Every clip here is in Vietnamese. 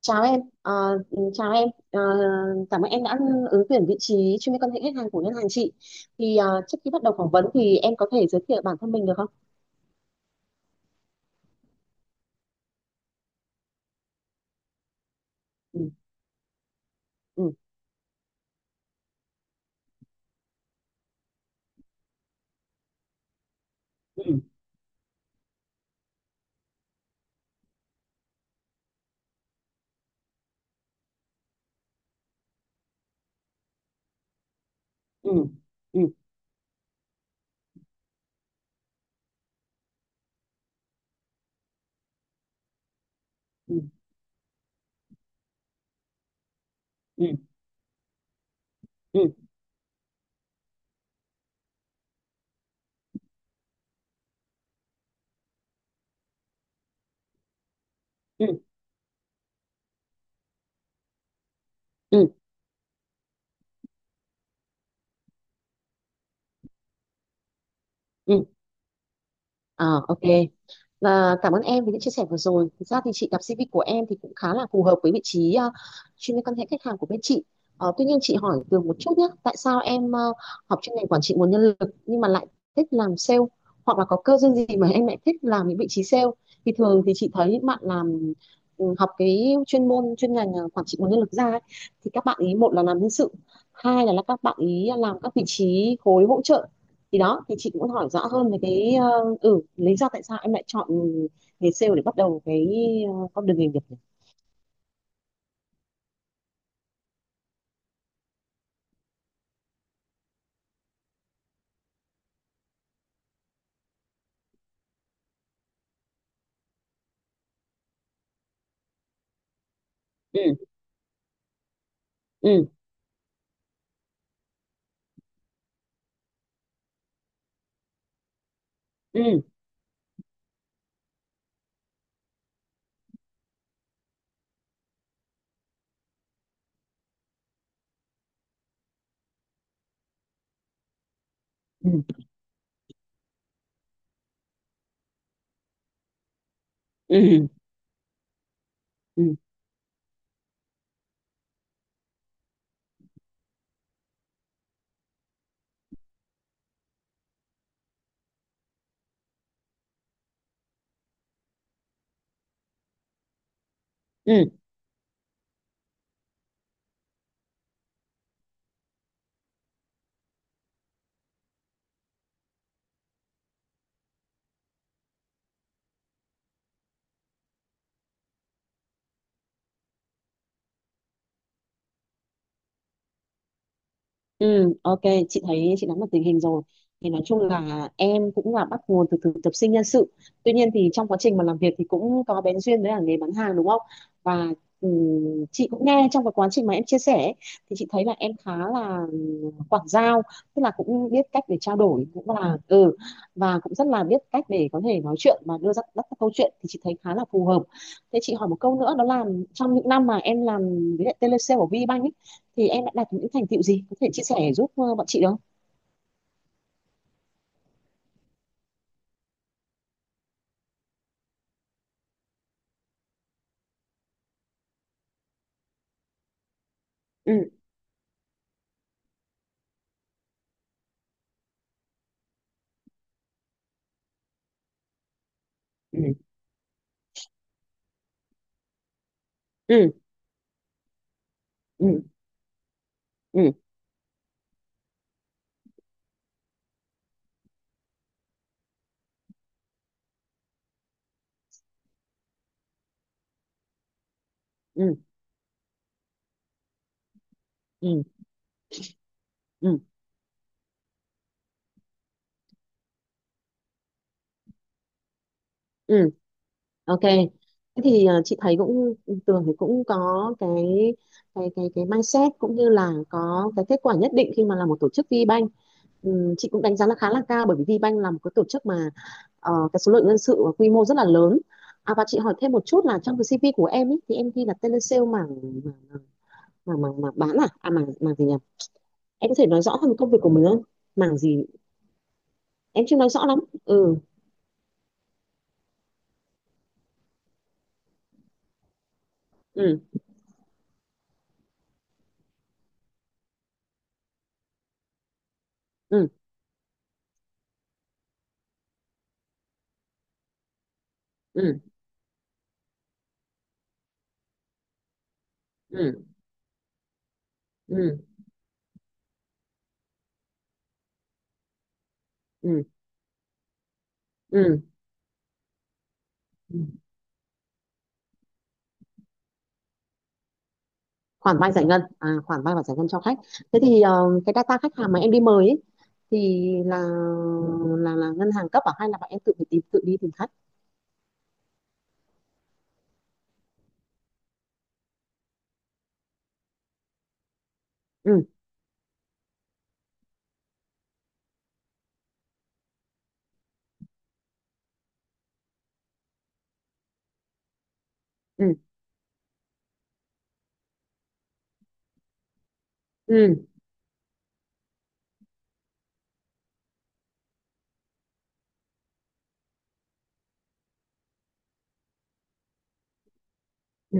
Chào em, Ờ, chào em, Ờ, Cảm ơn em đã ứng tuyển vị trí chuyên viên quan hệ khách hàng của ngân hàng chị. Thì trước khi bắt đầu phỏng vấn thì em có thể giới thiệu bản thân mình được không? Ừ, ừ, ừ, ừ, ừ, ừ, ừ, ừ, ừ, ừ, ừ. Ờ, ok. Và cảm ơn em vì những chia sẻ vừa rồi. Thực ra thì chị đọc CV của em thì cũng khá là phù hợp với vị trí chuyên viên quan hệ khách hàng của bên chị. Tuy nhiên chị hỏi Tường một chút nhé. Tại sao em học chuyên ngành quản trị nguồn nhân lực nhưng mà lại thích làm sale, hoặc là có cơ duyên gì mà em lại thích làm những vị trí sale? Thì thường thì chị thấy những bạn làm học cái chuyên môn chuyên ngành quản trị nguồn nhân lực ra ấy, thì các bạn ý một là làm nhân sự, hai là các bạn ý làm các vị trí khối hỗ trợ. Thì đó thì chị cũng muốn hỏi rõ hơn về cái lý do tại sao em lại chọn nghề sale để bắt đầu cái con đường nghề nghiệp nhỉ? Ừ, ừ, ừ, ừ, ừ, ừ, ừ. Ừ, ok, chị thấy chị nắm được tình hình rồi. Thì nói chung là em cũng là bắt nguồn từ thực tập sinh nhân sự. Tuy nhiên thì trong quá trình mà làm việc thì cũng có bén duyên với cả nghề bán hàng đúng không? Và ừ, chị cũng nghe trong cái quá trình mà em chia sẻ ấy, thì chị thấy là em khá là quảng giao, tức là cũng biết cách để trao đổi, cũng là và cũng rất là biết cách để có thể nói chuyện và đưa ra các câu chuyện thì chị thấy khá là phù hợp. Thế chị hỏi một câu nữa, đó là trong những năm mà em làm với lại telesale của VBank ấy, thì em đã đạt những thành tựu gì có thể chia sẻ giúp bọn chị được không? Ừ, ừ, ừ, ừ, ừ, ừ, ừ, ừ, ừ. Ok, thế thì chị thấy cũng Tường thì cũng có cái cái mindset cũng như là có cái kết quả nhất định khi mà là một tổ chức VBank. Chị cũng đánh giá là khá là cao, bởi vì VBank là một cái tổ chức mà cái số lượng nhân sự và quy mô rất là lớn. Và chị hỏi thêm một chút là trong cái CV của em ý, thì em ghi là telesale mảng mảng bán, à à mảng mảng gì nhỉ? Em có thể nói rõ hơn công việc của mình không? Mảng gì? Em chưa nói rõ lắm. Ừ, ừ, ừ, ừ, ừ, ừ, ừ, ừ. Ừ. Khoản vay giải ngân, à, khoản vay và giải ngân cho khách. Thế thì cái data khách hàng mà em đi mời ấy, thì là là ngân hàng cấp, à hay là bạn em tự phải tìm, tự đi tìm khách? Ừ, ừ, ừ, ừ,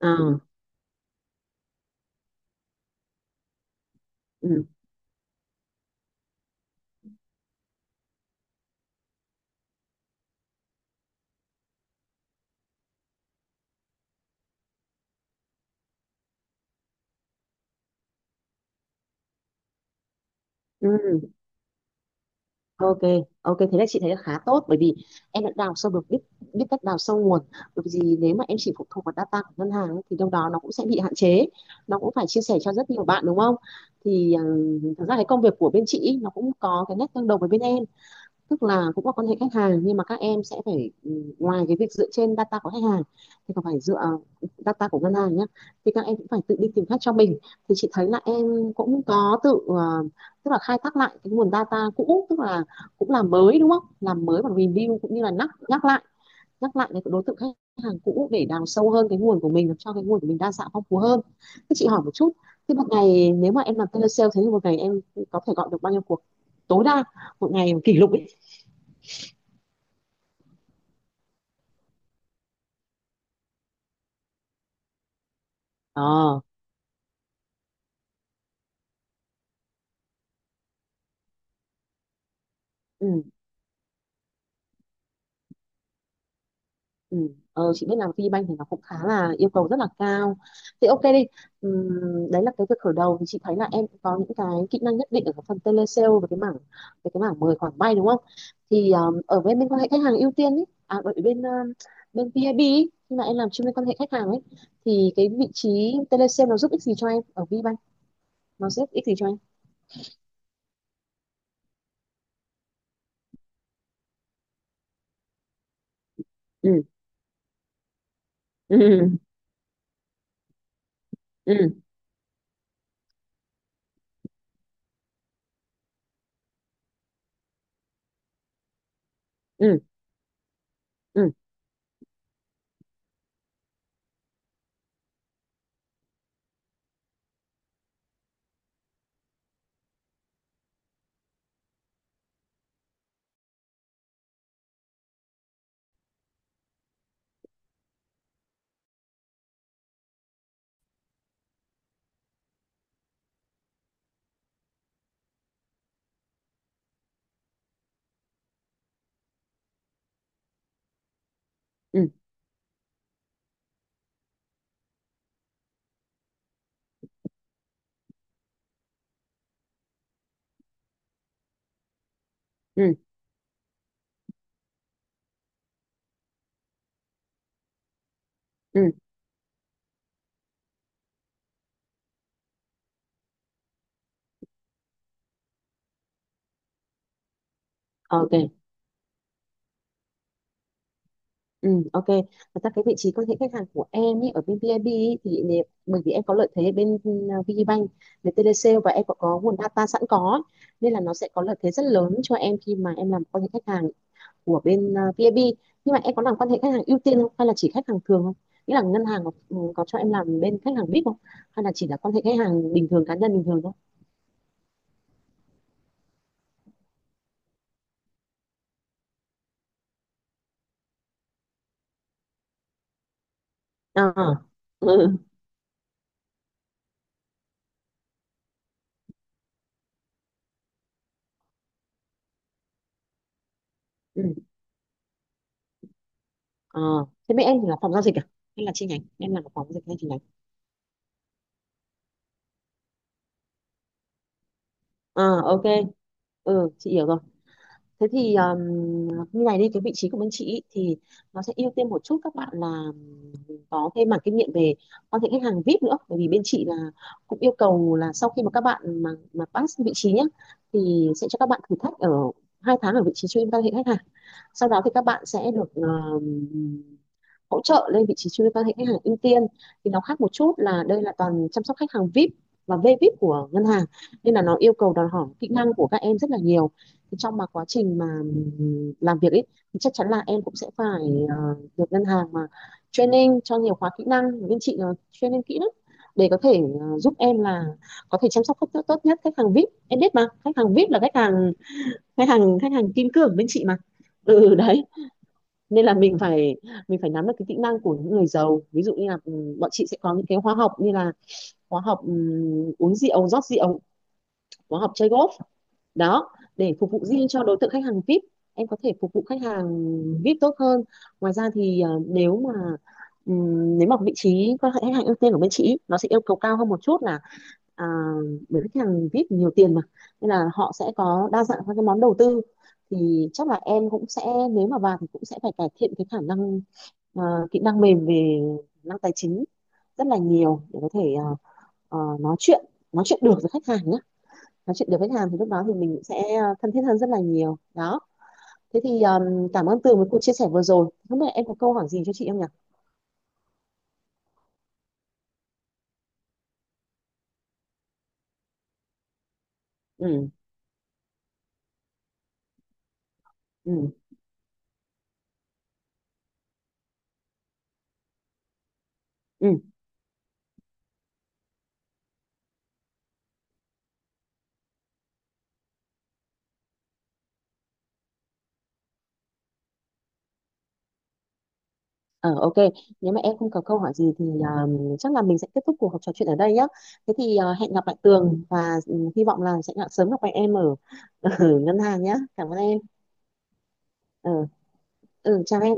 à, ừ, ừ. Ok, ok thế là chị thấy là khá tốt, bởi vì em đã đào sâu được, biết biết cách đào sâu nguồn. Bởi vì gì, nếu mà em chỉ phụ thuộc vào data của ngân hàng ấy, thì đâu đó nó cũng sẽ bị hạn chế, nó cũng phải chia sẻ cho rất nhiều bạn đúng không? Thì thật ra cái công việc của bên chị ý, nó cũng có cái nét tương đồng với bên em, tức là cũng là quan hệ khách hàng, nhưng mà các em sẽ phải ngoài cái việc dựa trên data của khách hàng thì còn phải dựa data của ngân hàng nhé, thì các em cũng phải tự đi tìm khách cho mình. Thì chị thấy là em cũng có tự tức là khai thác lại cái nguồn data cũ, tức là cũng làm mới đúng không, làm mới và review cũng như là nhắc nhắc lại cái đối tượng khách hàng cũ để đào sâu hơn cái nguồn của mình, làm cho cái nguồn của mình đa dạng phong phú hơn. Thế chị hỏi một chút, thế một ngày nếu mà em làm telesale, thế thì một ngày em có thể gọi được bao nhiêu cuộc tối đa, một ngày kỷ lục ấy? Ờ, ừ, ừ. Chị biết làm VBank thì nó cũng khá là yêu cầu rất là cao. Thì ok đi. Đấy là cái việc khởi đầu, thì chị thấy là em cũng có những cái kỹ năng nhất định ở cái phần telesale và cái mảng, về cái mảng mời khoản vay đúng không? Thì ở bên bên quan hệ khách hàng ưu tiên ý, à ở bên bên VIB ý, khi mà em làm chuyên viên quan hệ khách hàng ấy thì cái vị trí telesale nó giúp ích gì cho em ở VBank? Nó giúp ích gì cho em? Ừ, ừ, ừ, ừ, ừ, ừ, ừ, ừ, ừ. Ok. Ừ, ok. Thật ra cái vị trí quan hệ khách hàng của em ý, ở bên VIB ý, thì nếu, bởi vì em có lợi thế ở bên VPBank về telesale và em có nguồn data sẵn có, nên là nó sẽ có lợi thế rất lớn cho em khi mà em làm quan hệ khách hàng của bên VIB. Nhưng mà em có làm quan hệ khách hàng ưu tiên không? Hay là chỉ khách hàng thường không? Nghĩa là ngân hàng có cho em làm bên khách hàng VIP không? Hay là chỉ là quan hệ khách hàng bình thường, cá nhân bình thường thôi? À, ừ, ừ. À, thế bên em thì là phòng giao dịch à? Hay là chi nhánh? Em làm ở phòng giao dịch hay chi nhánh? À, ok. Ừ, chị hiểu rồi. Thế thì như này đi, cái vị trí của bên chị ý, thì nó sẽ ưu tiên một chút các bạn là có cái mảng kinh nghiệm về quan hệ khách hàng VIP nữa. Bởi vì bên chị là cũng yêu cầu là sau khi mà các bạn mà pass vị trí nhé, thì sẽ cho các bạn thử thách ở 2 tháng ở vị trí chuyên quan hệ khách hàng. Sau đó thì các bạn sẽ được hỗ trợ lên vị trí chuyên viên quan hệ khách hàng ưu tiên. Thì nó khác một chút là đây là toàn chăm sóc khách hàng VIP và VVIP của ngân hàng, nên là nó yêu cầu đòi hỏi kỹ năng của các em rất là nhiều. Thì trong mà quá trình mà làm việc ấy thì chắc chắn là em cũng sẽ phải ờ, được ngân hàng mà training cho nhiều khóa kỹ năng, bên chị là training kỹ lắm để có thể giúp em là có thể chăm sóc khách tốt nhất. Khách hàng VIP em biết mà, khách hàng VIP là khách hàng kim cương bên chị mà. Ừ, đấy, nên là mình phải nắm được cái kỹ năng của những người giàu. Ví dụ như là bọn chị sẽ có những cái khóa học như là khóa học uống rượu rót rượu, khóa học chơi golf. Đó, để phục vụ riêng cho đối tượng khách hàng VIP, em có thể phục vụ khách hàng VIP tốt hơn. Ngoài ra thì nếu mà vị trí quan hệ khách hàng ưu tiên của bên chị nó sẽ yêu cầu cao hơn một chút là, à, bởi vì khách hàng VIP nhiều tiền mà nên là họ sẽ có đa dạng các cái món đầu tư. Thì chắc là em cũng sẽ, nếu mà vào thì cũng sẽ phải cải thiện cái khả năng, à, kỹ năng mềm về khả năng tài chính rất là nhiều để có thể, à, nói chuyện nói chuyện được với khách hàng ấy, nói chuyện được với khách hàng thì lúc đó thì mình sẽ thân thiết hơn rất là nhiều đó. Thế thì cảm ơn Tường với cuộc chia sẻ vừa rồi, không biết là em có câu hỏi gì cho chị em nhỉ? Ừ, ừ, ừ, ờ, ok. Nếu mà em không có câu hỏi gì thì chắc là mình sẽ kết thúc cuộc trò chuyện ở đây nhé. Thế thì hẹn gặp lại Tường, và hy vọng là sẽ sớm gặp lại em ở ngân hàng nhé. Cảm ơn em. Ừ, ừ, chào em.